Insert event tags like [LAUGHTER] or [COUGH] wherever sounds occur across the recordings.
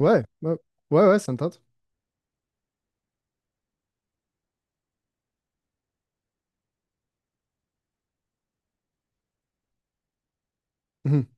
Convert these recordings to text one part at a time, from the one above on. Ouais, ouais, ouais, ouais, ça me tente. Mhm.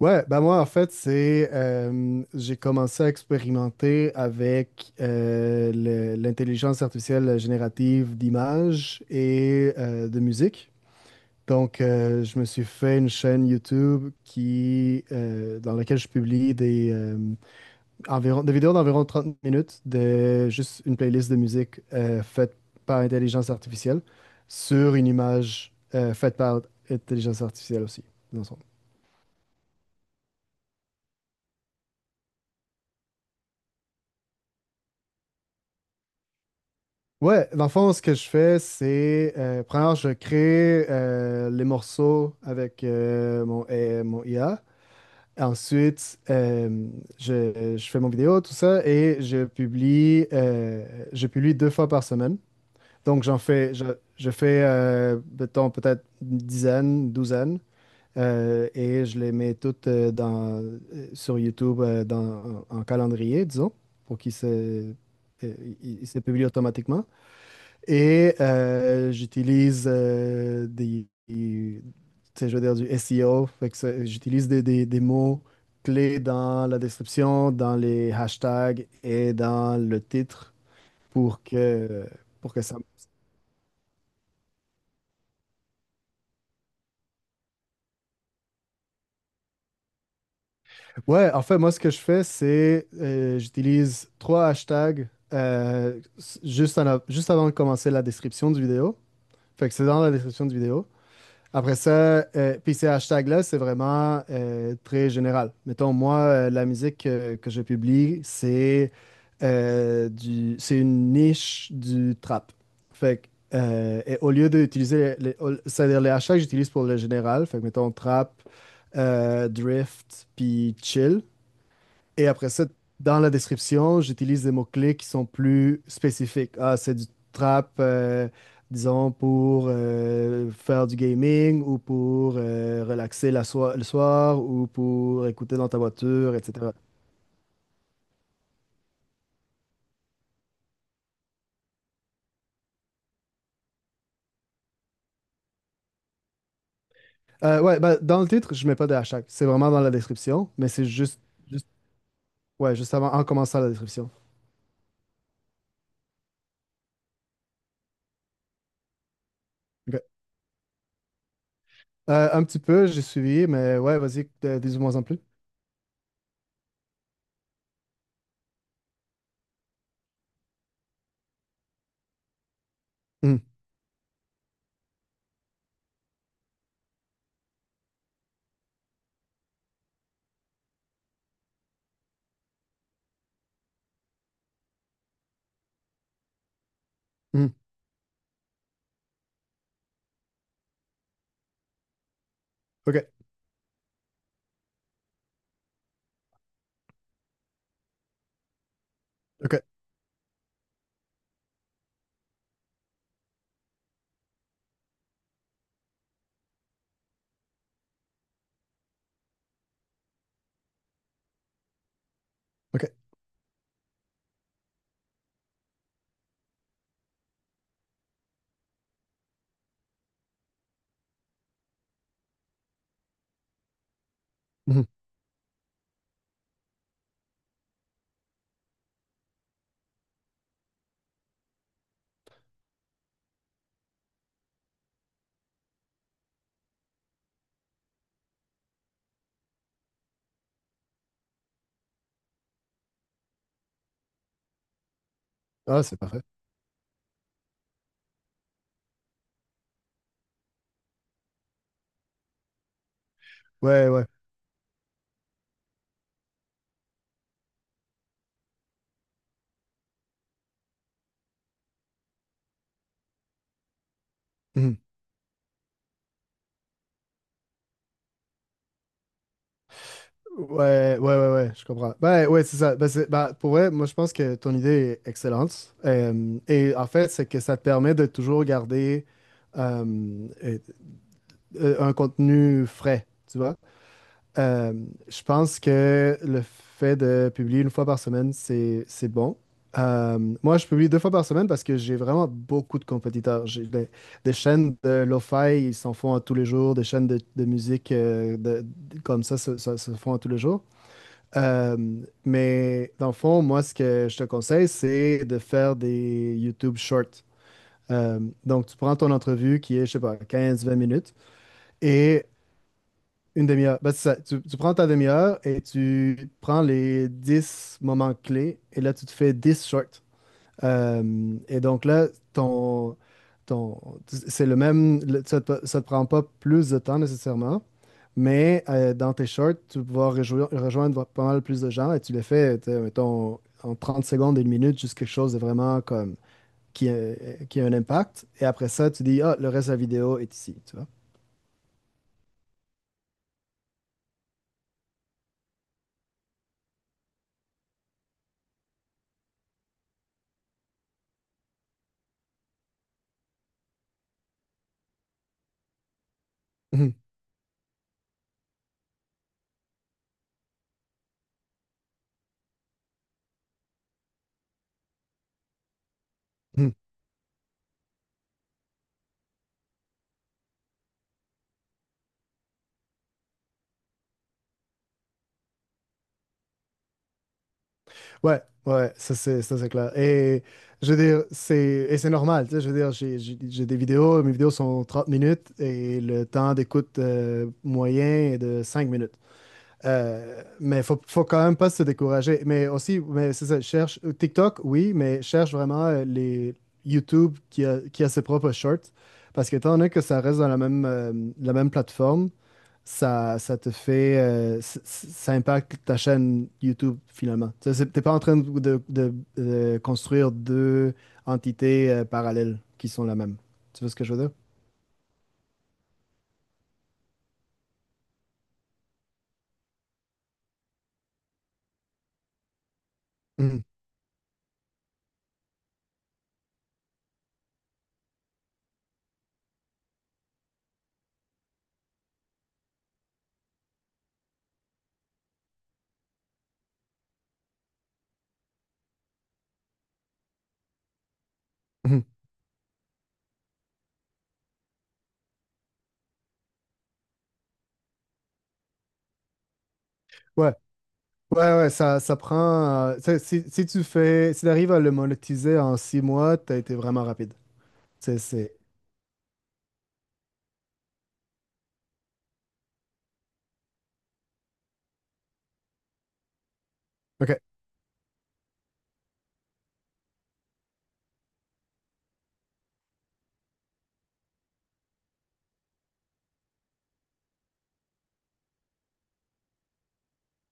Ouais, bah moi, en fait, c'est. J'ai commencé à expérimenter avec l'intelligence artificielle générative d'images et de musique. Donc, je me suis fait une chaîne YouTube dans laquelle je publie environ, des vidéos d'environ 30 minutes de juste une playlist de musique faite par intelligence artificielle sur une image faite par intelligence artificielle aussi, dans le fond. Ouais, dans le fond, ce que je fais, c'est, premièrement, je crée les morceaux avec mon IA. Ensuite, je fais mon vidéo, tout ça, et je publie deux fois par semaine. Donc, je fais, mettons, peut-être une dizaine, douzaine, et je les mets toutes sur YouTube en calendrier, disons, pour qu'ils se, euh, ils- ils se publient automatiquement. Et j'utilise tu sais, je veux dire, du SEO, fait que j'utilise des mots clés dans la description, dans les hashtags et dans le titre pour que, pour que ça. Ouais, en fait, moi, ce que je fais, c'est j'utilise trois hashtags juste, juste avant de commencer la description du vidéo. Fait que c'est dans la description du vidéo. Après ça, puis ces hashtags-là, c'est vraiment très général. Mettons, moi, la musique que je publie, c'est c'est une niche du trap. Fait que, et au lieu d'utiliser, c'est-à-dire les hashtags, que j'utilise pour le général. Fait que, mettons, trap, drift, puis chill. Et après ça, dans la description, j'utilise des mots-clés qui sont plus spécifiques. Ah, c'est du trap, disons, pour faire du gaming ou pour relaxer le soir ou pour écouter dans ta voiture, etc. Ouais, bah, dans le titre, je mets pas de hashtag. C'est vraiment dans la description, mais c'est juste, juste, ouais, juste avant, en commençant la description. Ok. Un petit peu, j'ai suivi, mais ouais, vas-y, dis-moi en plus. Mhm, mhm. OK, OK, OK. Mhm. Ah, c'est parfait. Ouais, ouais. Mhm. Ouais, ouais, ouais, ouais, je comprends. Ben, ouais, c'est ça. Ben, ben, pour vrai, moi, je pense que ton idée est excellente. Et en fait, c'est que ça te permet de toujours garder euh, euh, un contenu frais, tu vois. Euh, je pense que le fait de publier une fois par semaine, c'est bon. Moi, je publie deux fois par semaine parce que j'ai vraiment beaucoup de compétiteurs. J'ai des chaînes de lo-fi, ils s'en font à tous les jours. Des chaînes de musique comme ça se font à tous les jours. Euh, mais dans le fond, moi, ce que je te conseille, c'est de faire des YouTube Shorts. Euh, donc, tu prends ton entrevue qui est, je sais pas, 15-20 minutes et une demi-heure. Ben, c'est ça. Tu prends ta demi-heure et tu prends les 10 moments clés et là, tu te fais 10 shorts. Et donc là, ton, c'est le même, ça te prend pas plus de temps nécessairement, mais dans tes shorts, tu vas pouvoir rejoindre pas mal plus de gens et tu les fais, tu sais, mettons, en 30 secondes, une minute, juste quelque chose de vraiment comme qui a, qui a un impact. Et après ça, tu dis, ah, le reste de la vidéo est ici, tu vois. [LAUGHS] Ouais, ouais, ça c'est clair. Et je veux dire, c'est et c'est normal, tu sais, je veux dire, j'ai des vidéos, mes vidéos sont 30 minutes et le temps d'écoute moyen est de 5 minutes. Mais faut quand même pas se décourager. Mais aussi, mais c'est ça, cherche TikTok, oui, mais cherche vraiment les YouTube qui a ses propres shorts parce que étant donné que ça reste dans la même plateforme, ça te fait, c- c- ça impacte ta chaîne YouTube finalement. Tu sais, t'es pas en train de construire deux entités parallèles qui sont la même. Tu vois ce que je veux dire? Mhm, mhm. Ouais, ouais, ouais, ça prend. Tu sais, si tu arrives à le monétiser en 6 mois, t'as été vraiment rapide. C'est. OK.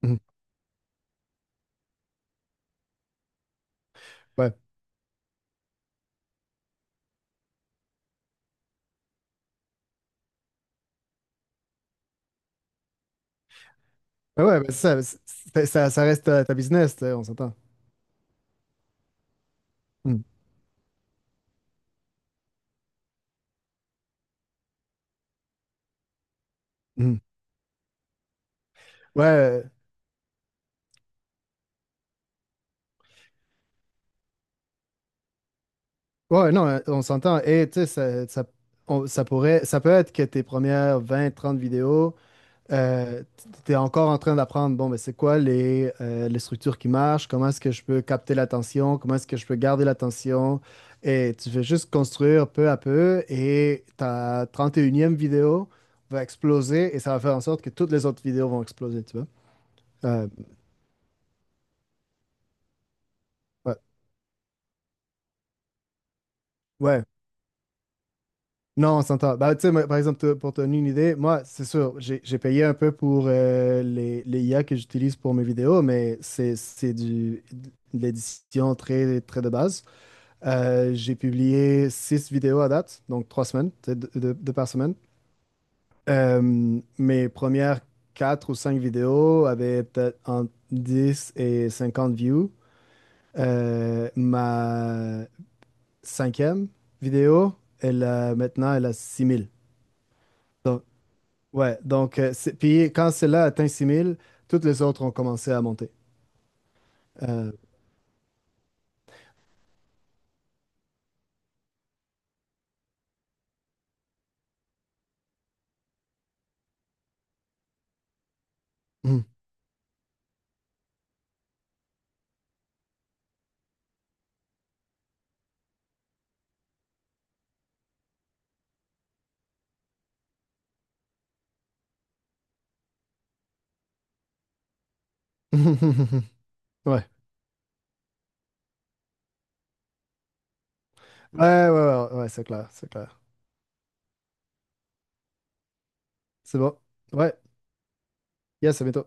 Mhm. Ouais. Ouais, ouais, mais ça, ça reste ta business, tu sais, on s'entend. Mhm, mhm. Ouais, ouais, non, on s'entend. Et tu sais, ça, ça peut être que tes premières 20 30 vidéos, euh, tu es encore en train d'apprendre, bon, mais c'est quoi les structures qui marchent, comment est-ce que je peux capter l'attention, comment est-ce que je peux garder l'attention. Et tu fais juste construire peu à peu et ta 31e vidéo va exploser et ça va faire en sorte que toutes les autres vidéos vont exploser, tu vois. Euh, ouais. Ouais. Non, on s'entend. Bah, tu sais, moi, par exemple, pour te donner une idée, moi, c'est sûr, j'ai payé un peu pour les IA que j'utilise pour mes vidéos, mais c'est de l'édition très, très de base. J'ai publié six vidéos à date, donc 3 semaines, tu sais, deux par semaine. Mes premières quatre ou cinq vidéos avaient peut-être entre 10 et 50 views. Ma cinquième vidéo, maintenant, elle a 6 000. Ouais, donc, puis quand celle-là a atteint 6 000, toutes les autres ont commencé à monter. Euh, hmm. [LAUGHS] Ouais. Ouais, ouais, ouais, ouais, c'est clair, c'est clair. C'est bon. Ouais, yes, à bientôt.